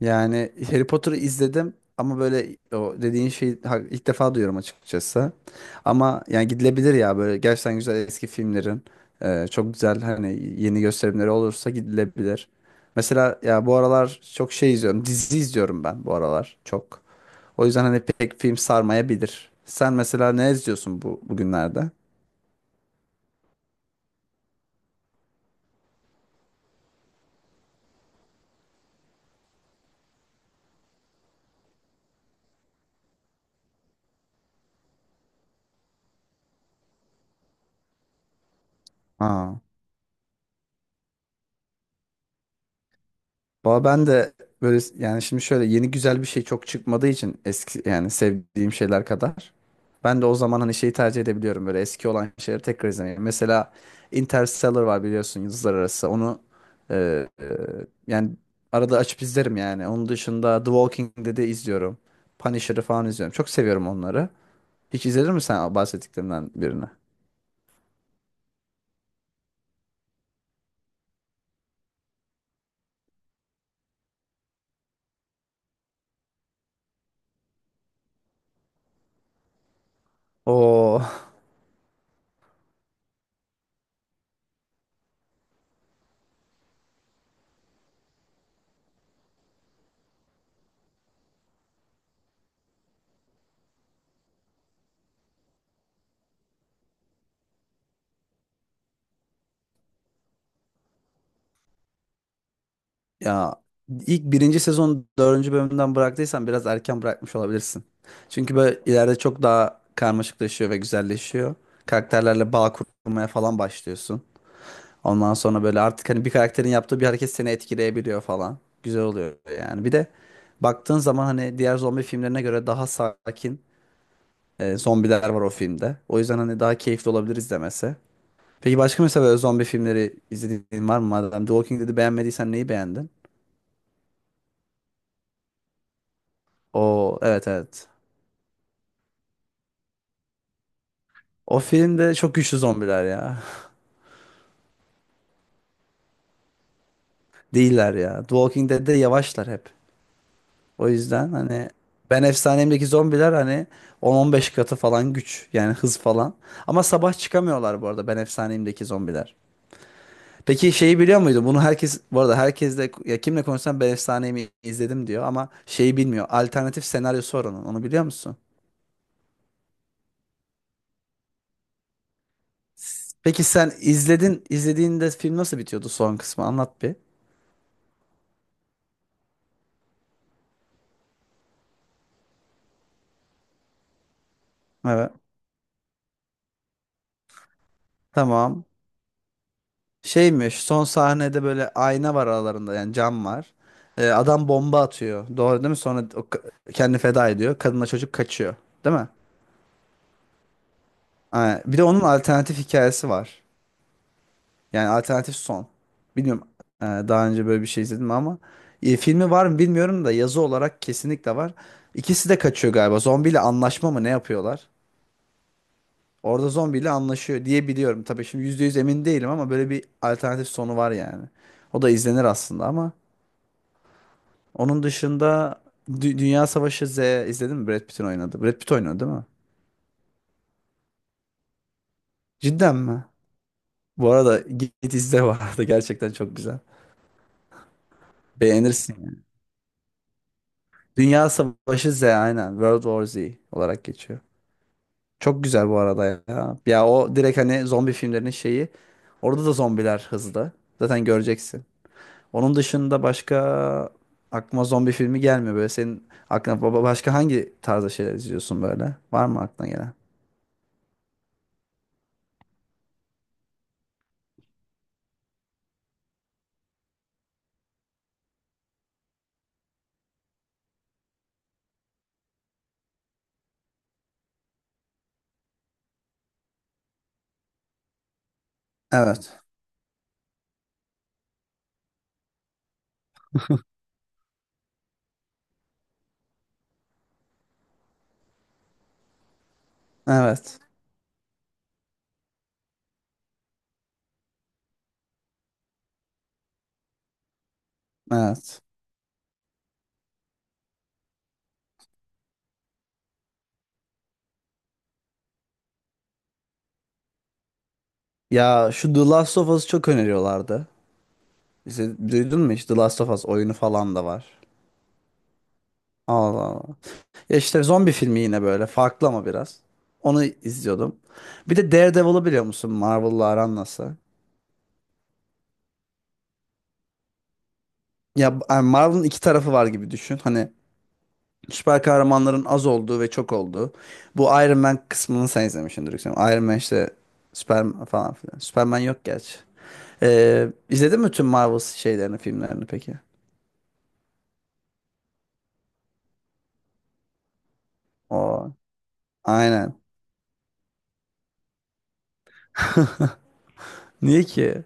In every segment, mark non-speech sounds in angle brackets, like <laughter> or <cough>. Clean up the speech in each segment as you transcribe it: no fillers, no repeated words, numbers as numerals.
Yani Harry Potter'ı izledim ama böyle o dediğin şeyi ilk defa duyuyorum açıkçası. Ama yani gidilebilir ya böyle gerçekten güzel eski filmlerin çok güzel hani yeni gösterimleri olursa gidilebilir. Mesela ya bu aralar çok şey izliyorum. Dizi izliyorum ben bu aralar çok. O yüzden hani pek film sarmayabilir. Sen mesela ne izliyorsun bu bugünlerde? Aa. Valla ben de böyle yani şimdi şöyle yeni güzel bir şey çok çıkmadığı için eski yani sevdiğim şeyler kadar. Ben de o zaman hani şeyi tercih edebiliyorum böyle eski olan şeyleri tekrar izlemeyi. Mesela Interstellar var biliyorsun Yıldızlar Arası. Onu e, e, yani arada açıp izlerim yani. Onun dışında The Walking Dead'i izliyorum. Punisher'ı falan izliyorum. Çok seviyorum onları. Hiç izledin mi sen bahsettiklerinden birini? Oo. <laughs> Ya ilk birinci sezon dördüncü bölümünden bıraktıysan biraz erken bırakmış olabilirsin. Çünkü böyle ileride çok daha karmaşıklaşıyor ve güzelleşiyor. Karakterlerle bağ kurmaya falan başlıyorsun. Ondan sonra böyle artık hani bir karakterin yaptığı bir hareket seni etkileyebiliyor falan. Güzel oluyor yani. Bir de baktığın zaman hani diğer zombi filmlerine göre daha sakin zombiler var o filmde. O yüzden hani daha keyifli olabilir izlemesi. Peki başka mesela böyle zombi filmleri izlediğin var mı? Madem The Walking Dead'i beğenmediysen neyi beğendin? O, evet, evet. O filmde çok güçlü zombiler ya. <laughs> Değiller ya. The Walking Dead'de yavaşlar hep. O yüzden hani Ben Efsanem'deki zombiler hani 10-15 katı falan güç. Yani hız falan. Ama sabah çıkamıyorlar bu arada Ben Efsanem'deki zombiler. Peki şeyi biliyor muydun? Bunu herkes bu arada herkesle ya kimle konuşsam Ben Efsanem'i izledim diyor ama şeyi bilmiyor. Alternatif senaryosu var onun. Onu biliyor musun? Peki sen izledin, izlediğinde film nasıl bitiyordu son kısmı? Anlat bir. Evet. Tamam. Şeymiş son sahnede böyle ayna var aralarında yani cam var. Adam bomba atıyor. Doğru değil mi? Sonra o kendini feda ediyor. Kadınla çocuk kaçıyor. Değil mi? Ha, bir de onun alternatif hikayesi var. Yani alternatif son. Bilmiyorum, daha önce böyle bir şey izledim ama filmi var mı bilmiyorum da yazı olarak kesinlikle var. İkisi de kaçıyor galiba. Zombiyle anlaşma mı ne yapıyorlar? Orada zombiyle anlaşıyor diye biliyorum. Tabii şimdi %100 emin değilim ama böyle bir alternatif sonu var yani. O da izlenir aslında ama onun dışında Dünya Savaşı Z izledin mi? Brad Pitt'in oynadı. Brad Pitt oynadı değil mi? Cidden mi? Bu arada git git izle bu arada. <laughs> Gerçekten çok güzel. Beğenirsin, yani. Dünya Savaşı Z aynen. World War Z olarak geçiyor. Çok güzel bu arada ya. Ya o direkt hani zombi filmlerinin şeyi. Orada da zombiler hızlı. Zaten göreceksin. Onun dışında başka aklıma zombi filmi gelmiyor böyle. Senin aklına baba başka hangi tarzda şeyler izliyorsun böyle? Var mı aklına gelen? Evet. Evet. Evet. Ya şu The Last of Us'ı çok öneriyorlardı. İşte, duydun mu hiç? The Last of Us oyunu falan da var. Allah Allah. Ya işte zombi filmi yine böyle. Farklı ama biraz. Onu izliyordum. Bir de Daredevil'ı biliyor musun? Marvel'la aran nasıl? Ya yani Marvel'ın iki tarafı var gibi düşün. Hani süper kahramanların az olduğu ve çok olduğu. Bu Iron Man kısmını sen izlemişsindir, yüksek ihtimalle. Iron Man işte Superman falan filan. Superman yok gerçi. İzledin mi tüm Marvel şeylerini, filmlerini peki? O, aynen. <laughs> Niye ki?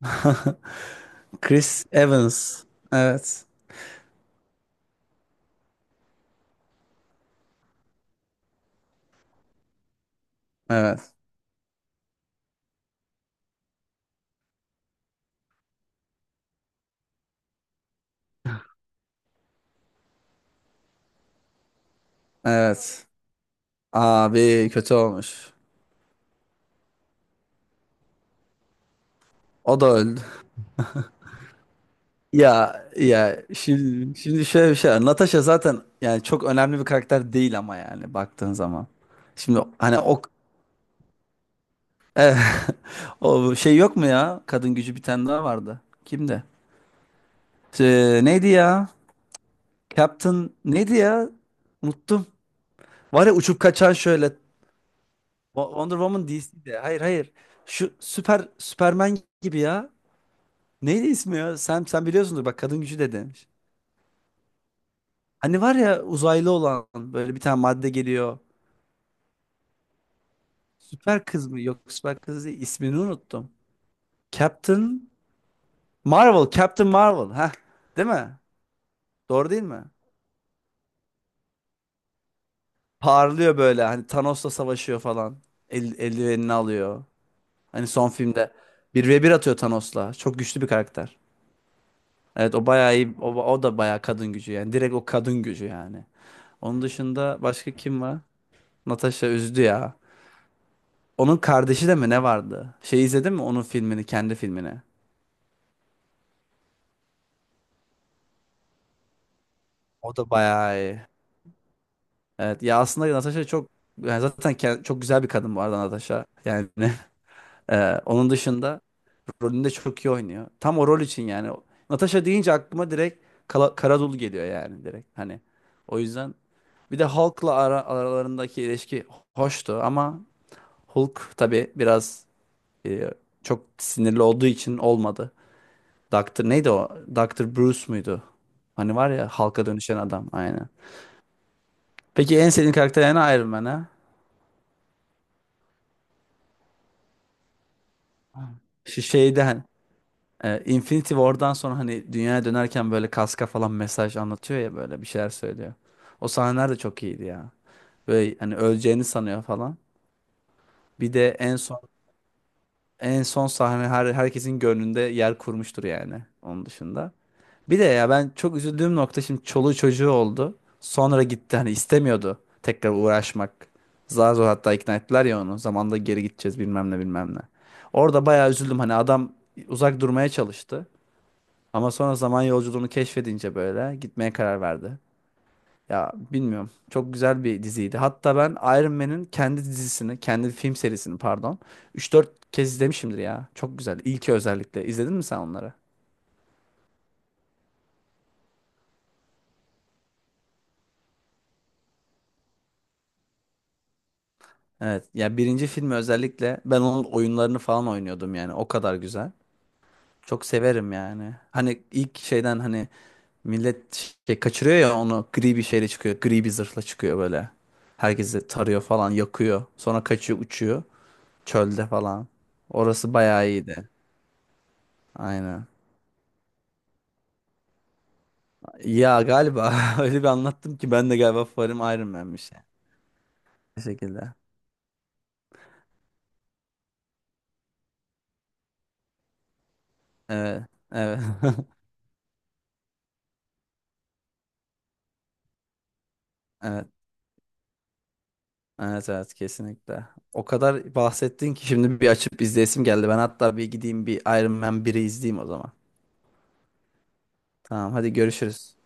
<laughs> Chris Evans. Evet. Evet. Evet. Abi kötü olmuş. O da öldü. Ya şimdi şöyle bir şey var. Natasha zaten yani çok önemli bir karakter değil ama yani baktığın zaman. Şimdi hani o <laughs> o şey yok mu ya? Kadın gücü bir tane daha vardı. Kimdi? Neydi ya? Captain neydi ya? Unuttum. Var ya uçup kaçan şöyle Wonder Woman DC'de. Hayır, hayır. Şu süper Superman gibi ya. Neydi ismi ya? Sen biliyorsundur, bak, kadın gücü de demiş. Hani var ya uzaylı olan böyle bir tane madde geliyor. Süper kız mı? Yok, süper kız değil. İsmini unuttum. Captain Marvel. Captain Marvel. Ha, değil mi? Doğru değil mi? Parlıyor böyle hani Thanos'la savaşıyor falan. Eldivenini alıyor. Hani son filmde bir ve bir atıyor Thanos'la. Çok güçlü bir karakter. Evet, o bayağı iyi. O, o da bayağı kadın gücü yani. Direkt o kadın gücü yani. Onun dışında başka kim var? Natasha üzdü ya. Onun kardeşi de mi ne vardı? Şey izledin mi onun filmini, kendi filmini? O da bayağı iyi. Evet ya, aslında Natasha çok yani zaten çok güzel bir kadın bu arada Natasha. Yani <laughs> onun dışında rolünde çok iyi oynuyor. Tam o rol için yani. Natasha deyince aklıma direkt Kala, Karadul geliyor yani direkt. Hani o yüzden bir de Hulk'la aralarındaki ilişki hoştu ama Hulk tabii biraz e, çok sinirli olduğu için olmadı. Doktor neydi o? Doktor Bruce muydu? Hani var ya halka dönüşen adam, aynen. Peki en sevdiğin karakter yani Iron Man ha? Şu şeyden Infinity War'dan sonra hani dünyaya dönerken böyle kaska falan mesaj anlatıyor ya böyle bir şeyler söylüyor. O sahneler de çok iyiydi ya. Böyle hani öleceğini sanıyor falan. Bir de en son sahne herkesin gönlünde yer kurmuştur yani onun dışında. Bir de ya ben çok üzüldüğüm nokta, şimdi çoluğu çocuğu oldu. Sonra gitti, hani istemiyordu tekrar uğraşmak. Zar zor hatta ikna ettiler ya onu. Zamanında geri gideceğiz, bilmem ne, bilmem ne. Orada bayağı üzüldüm, hani adam uzak durmaya çalıştı. Ama sonra zaman yolculuğunu keşfedince böyle gitmeye karar verdi. Ya bilmiyorum, çok güzel bir diziydi. Hatta ben Iron Man'in kendi dizisini, kendi film serisini, pardon, 3-4 kez izlemişimdir ya. Çok güzel. İlki özellikle. İzledin mi sen onları? Evet. Ya birinci filmi özellikle ben onun oyunlarını falan oynuyordum yani. O kadar güzel. Çok severim yani. Hani ilk şeyden hani millet şey kaçırıyor ya onu, gri bir şeyle çıkıyor. Gri bir zırhla çıkıyor böyle. Herkesi tarıyor falan, yakıyor. Sonra kaçıyor, uçuyor. Çölde falan. Orası bayağı iyiydi. Aynen. Ya galiba <laughs> öyle bir anlattım ki ben de galiba favorim Iron Man'miş, yani. Bu şekilde. Evet. Evet. <laughs> Evet. Evet, evet, kesinlikle. O kadar bahsettin ki şimdi bir açıp izleyesim geldi. Ben hatta bir gideyim bir Iron Man 1'i izleyeyim o zaman. Tamam, hadi görüşürüz.